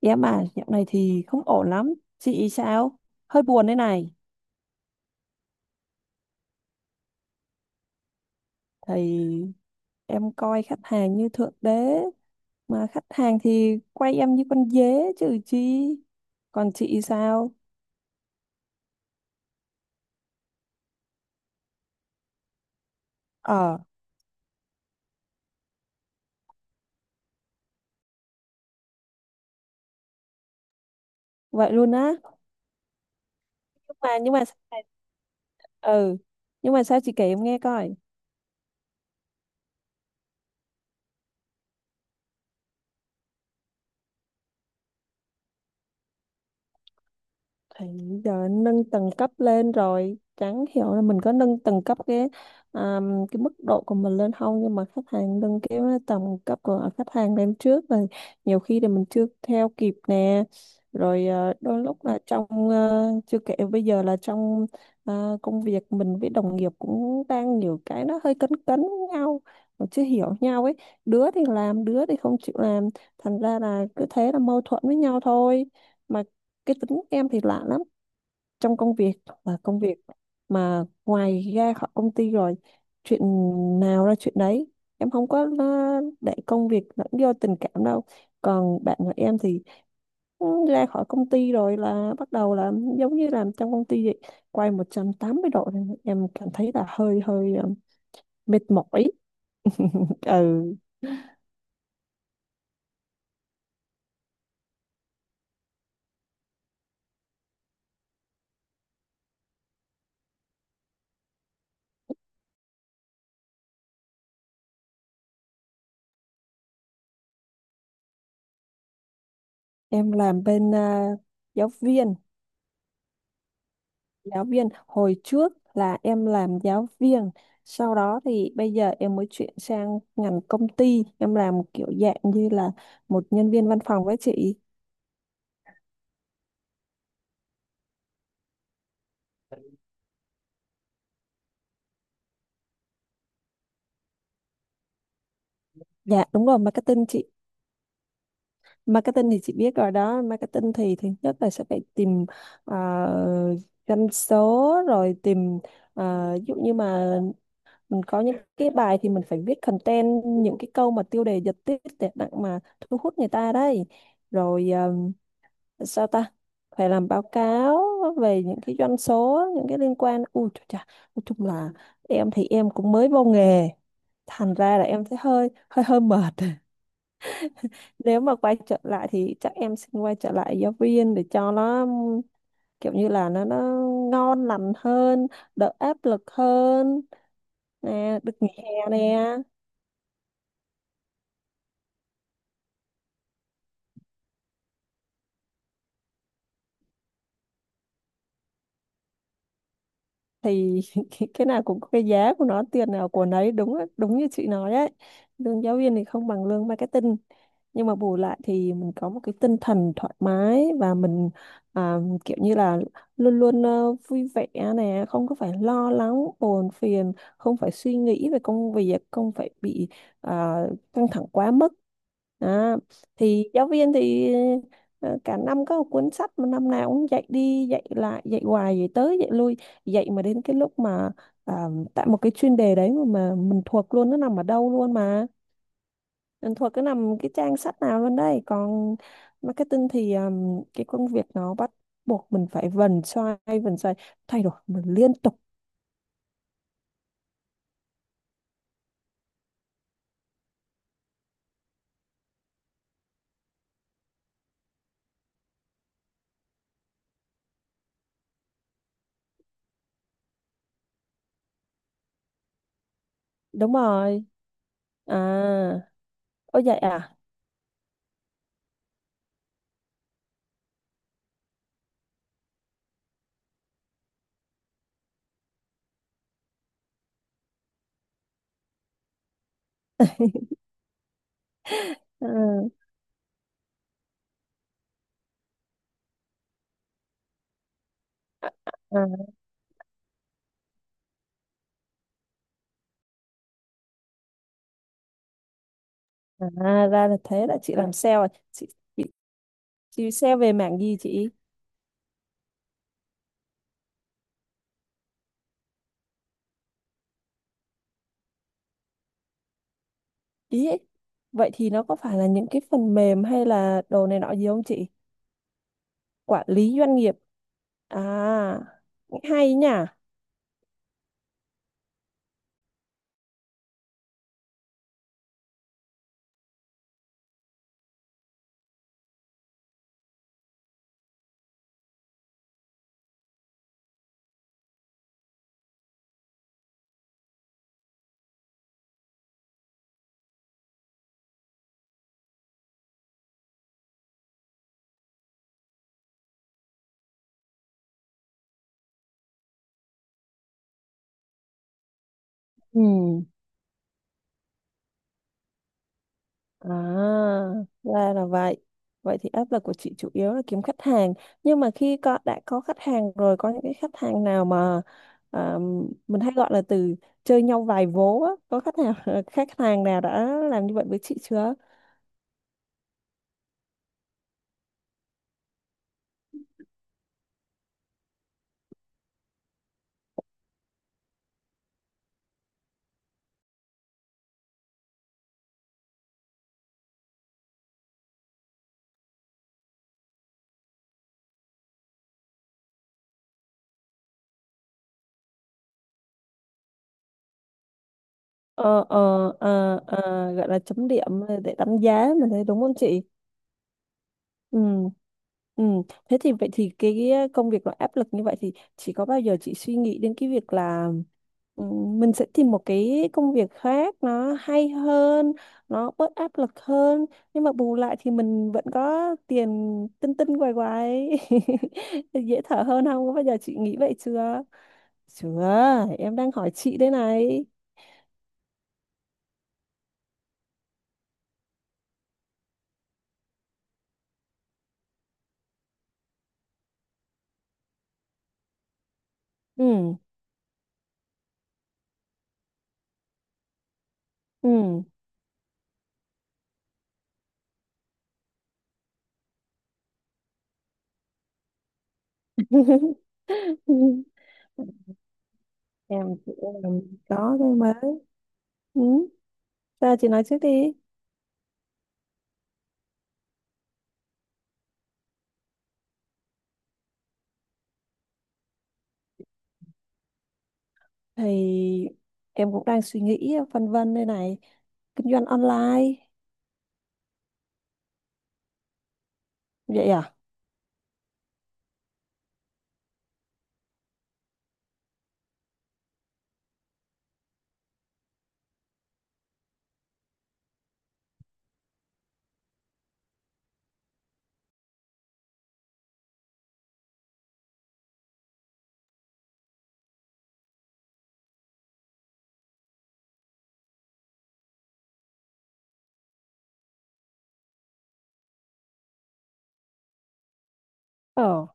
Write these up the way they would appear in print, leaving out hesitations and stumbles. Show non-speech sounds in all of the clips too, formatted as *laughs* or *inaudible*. Dạ mà dạo này thì không ổn lắm. Chị sao? Hơi buồn đây này. Thì em coi khách hàng như thượng đế. Mà khách hàng thì quay em như con dế chứ chi. Còn chị sao? Ờ, vậy luôn á. Nhưng mà, nhưng mà, sao- ừ. Nhưng mà sao chị kể em nghe coi. Thì giờ anh nâng tầng cấp lên rồi chẳng hiểu là mình có nâng tầng cấp cái mức độ của mình lên không, nhưng mà khách hàng nâng cái tầng cấp của khách hàng lên trước rồi. Nhiều khi thì mình chưa theo kịp nè, rồi đôi lúc là chưa kể bây giờ là trong công việc mình với đồng nghiệp cũng đang nhiều cái nó hơi cấn cấn nhau mà chưa hiểu nhau ấy. Đứa thì làm, đứa thì không chịu làm, thành ra là cứ thế là mâu thuẫn với nhau thôi. Mà cái tính em thì lạ lắm, trong công việc là công việc, mà ngoài ra khỏi công ty rồi chuyện nào ra chuyện đấy, em không có để công việc lẫn do tình cảm đâu. Còn bạn của em thì ừ, ra khỏi công ty rồi là bắt đầu là giống như làm trong công ty vậy, quay 180 độ nên em cảm thấy là hơi hơi ờ, mệt mỏi. *laughs* Ừ, em làm bên giáo viên, giáo viên. Hồi trước là em làm giáo viên, sau đó thì bây giờ em mới chuyển sang ngành công ty, em làm kiểu dạng như là một nhân viên văn phòng với chị. Dạ đúng rồi, marketing chị. Marketing thì chị biết rồi đó, marketing thì thứ nhất là sẽ phải tìm uh, doanh số, rồi tìm ví dụ như mà mình có những cái bài thì mình phải viết content, những cái câu mà tiêu đề giật tít để đặng mà thu hút người ta đấy. Rồi sao ta, phải làm báo cáo về những cái doanh số, những cái liên quan, ui trời chà, nói chung là em thì em cũng mới vô nghề, thành ra là em thấy hơi hơi hơi mệt. *laughs* Nếu mà quay trở lại thì chắc em xin quay trở lại giáo viên để cho nó kiểu như là nó ngon lành hơn, đỡ áp lực hơn, nè được nghỉ hè nè. Thì *laughs* cái nào cũng có cái giá của nó, tiền nào của nấy, đúng á, đúng như chị nói ấy. Lương giáo viên thì không bằng lương marketing, nhưng mà bù lại thì mình có một cái tinh thần thoải mái và mình à, kiểu như là luôn luôn vui vẻ nè, không có phải lo lắng buồn phiền, không phải suy nghĩ về công việc, không phải bị à, căng thẳng quá mức. à, thì giáo viên thì cả năm có một cuốn sách mà năm nào cũng dạy đi dạy lại, dạy hoài, dạy tới dạy lui, dạy mà đến cái lúc mà à, tại một cái chuyên đề đấy mà, mình thuộc luôn, nó nằm ở đâu luôn, mà mình thuộc cứ nằm cái trang sách nào luôn đây. Còn marketing thì cái công việc nó bắt buộc mình phải vần xoay, thay đổi mình liên tục. Đúng rồi. À, ôi vậy à. À, à, à ra là thế, là chị làm sale à chị, chị chị sale về mảng gì chị? Ý vậy thì nó có phải là những cái phần mềm hay là đồ này nọ gì không chị? Quản lý doanh nghiệp à, hay nhỉ. Ừ. À, ra là vậy. Vậy thì áp lực của chị chủ yếu là kiếm khách hàng. Nhưng mà khi có, đã có khách hàng rồi, có những cái khách hàng nào mà à, mình hay gọi là từ chơi nhau vài vố á. Có khách hàng *laughs* khách hàng nào đã làm như vậy với chị chưa? Ờ, ờ, gọi là chấm điểm để đánh giá mình thấy đúng không chị? Ừ. Ừ. Thế thì vậy thì cái công việc nó áp lực như vậy thì chỉ có bao giờ chị suy nghĩ đến cái việc là ừ, mình sẽ tìm một cái công việc khác nó hay hơn, nó bớt áp lực hơn, nhưng mà bù lại thì mình vẫn có tiền, tinh tinh quài quài *laughs* dễ thở hơn không? Có bao giờ chị nghĩ vậy chưa? Chưa, em đang hỏi chị đây này. Ừ. Ừ. *laughs* Em chị em có cái mới. Ừ. Ra chị nói trước đi. Thì em cũng đang suy nghĩ phân vân đây này. Kinh doanh online. Vậy à? Ờ,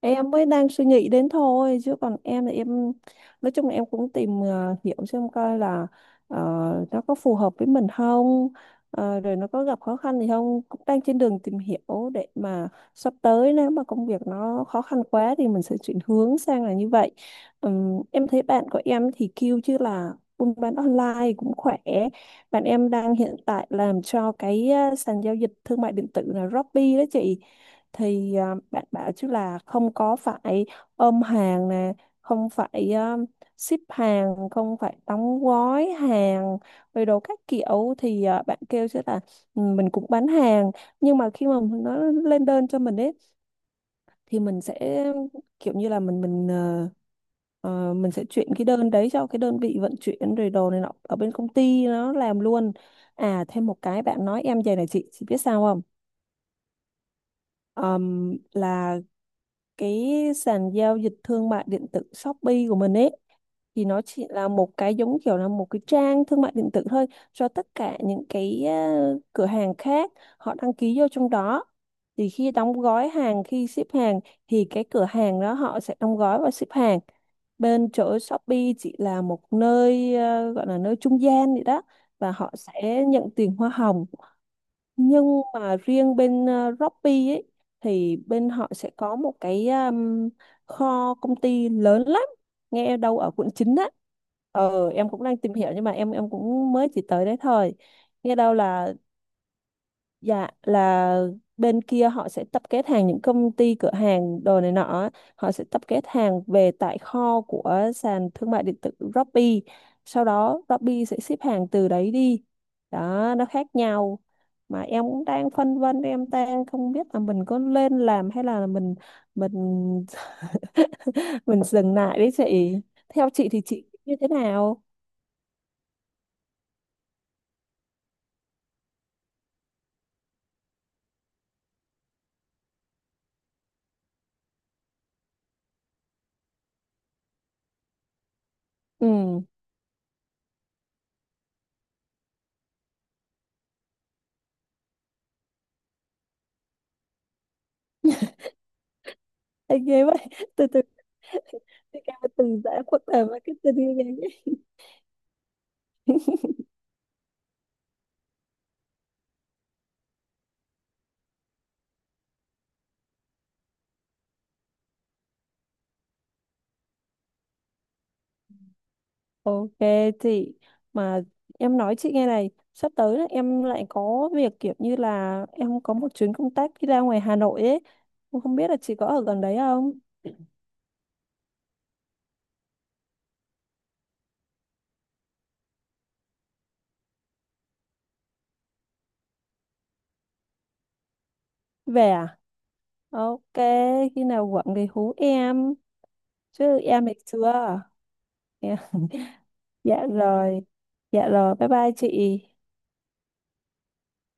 em mới đang suy nghĩ đến thôi chứ còn em thì em nói chung là em cũng tìm hiểu xem coi là ờ, nó có phù hợp với mình không, rồi nó có gặp khó khăn gì không, cũng đang trên đường tìm hiểu để mà sắp tới nếu mà công việc nó khó khăn quá thì mình sẽ chuyển hướng sang là như vậy. Em thấy bạn của em thì kêu chứ là buôn bán online cũng khỏe. Bạn em đang hiện tại làm cho cái sàn giao dịch thương mại điện tử là Shopee đó chị. Thì à, bạn bảo chứ là không có phải ôm hàng nè, không phải ship hàng, không phải đóng gói hàng rồi đồ các kiểu, thì à, bạn kêu chứ là: "Ừ, mình cũng bán hàng, nhưng mà khi mà nó lên đơn cho mình ấy thì mình sẽ kiểu như là mình sẽ chuyển cái đơn đấy cho cái đơn vị vận chuyển rồi đồ này nọ ở bên công ty nó làm luôn." À, thêm một cái bạn nói em về này chị biết sao không? Là cái sàn giao dịch thương mại điện tử Shopee của mình ấy, thì nó chỉ là một cái giống kiểu là một cái trang thương mại điện tử thôi, cho tất cả những cái cửa hàng khác họ đăng ký vô trong đó. Thì khi đóng gói hàng, khi ship hàng, thì cái cửa hàng đó họ sẽ đóng gói và ship hàng, bên chỗ Shopee chỉ là một nơi gọi là nơi trung gian vậy đó, và họ sẽ nhận tiền hoa hồng. Nhưng mà riêng bên Shopee ấy, thì bên họ sẽ có một cái kho công ty lớn lắm, nghe đâu ở quận 9 á. Ờ em cũng đang tìm hiểu nhưng mà em cũng mới chỉ tới đấy thôi. Nghe đâu là, dạ là bên kia họ sẽ tập kết hàng, những công ty cửa hàng đồ này nọ á, họ sẽ tập kết hàng về tại kho của sàn thương mại điện tử Shopee, sau đó Shopee sẽ ship hàng từ đấy đi. Đó, nó khác nhau. Mà em cũng đang phân vân, em đang không biết là mình có lên làm hay là mình *laughs* mình dừng lại đấy chị. Theo chị thì chị như thế nào? Ừ. Anh ghê vậy, từ từ, thì em từng giải quốc tế marketing như vậy. *laughs* Ok chị. Mà em nói chị nghe này, sắp tới là em lại có việc kiểu như là em có một chuyến công tác đi ra ngoài Hà Nội ấy. Em không biết là chị có ở gần đấy không? Về à? Ok, khi nào quận thì hú em, chứ em thì chưa. Dạ, dạ rồi, dạ rồi, bye bye chị.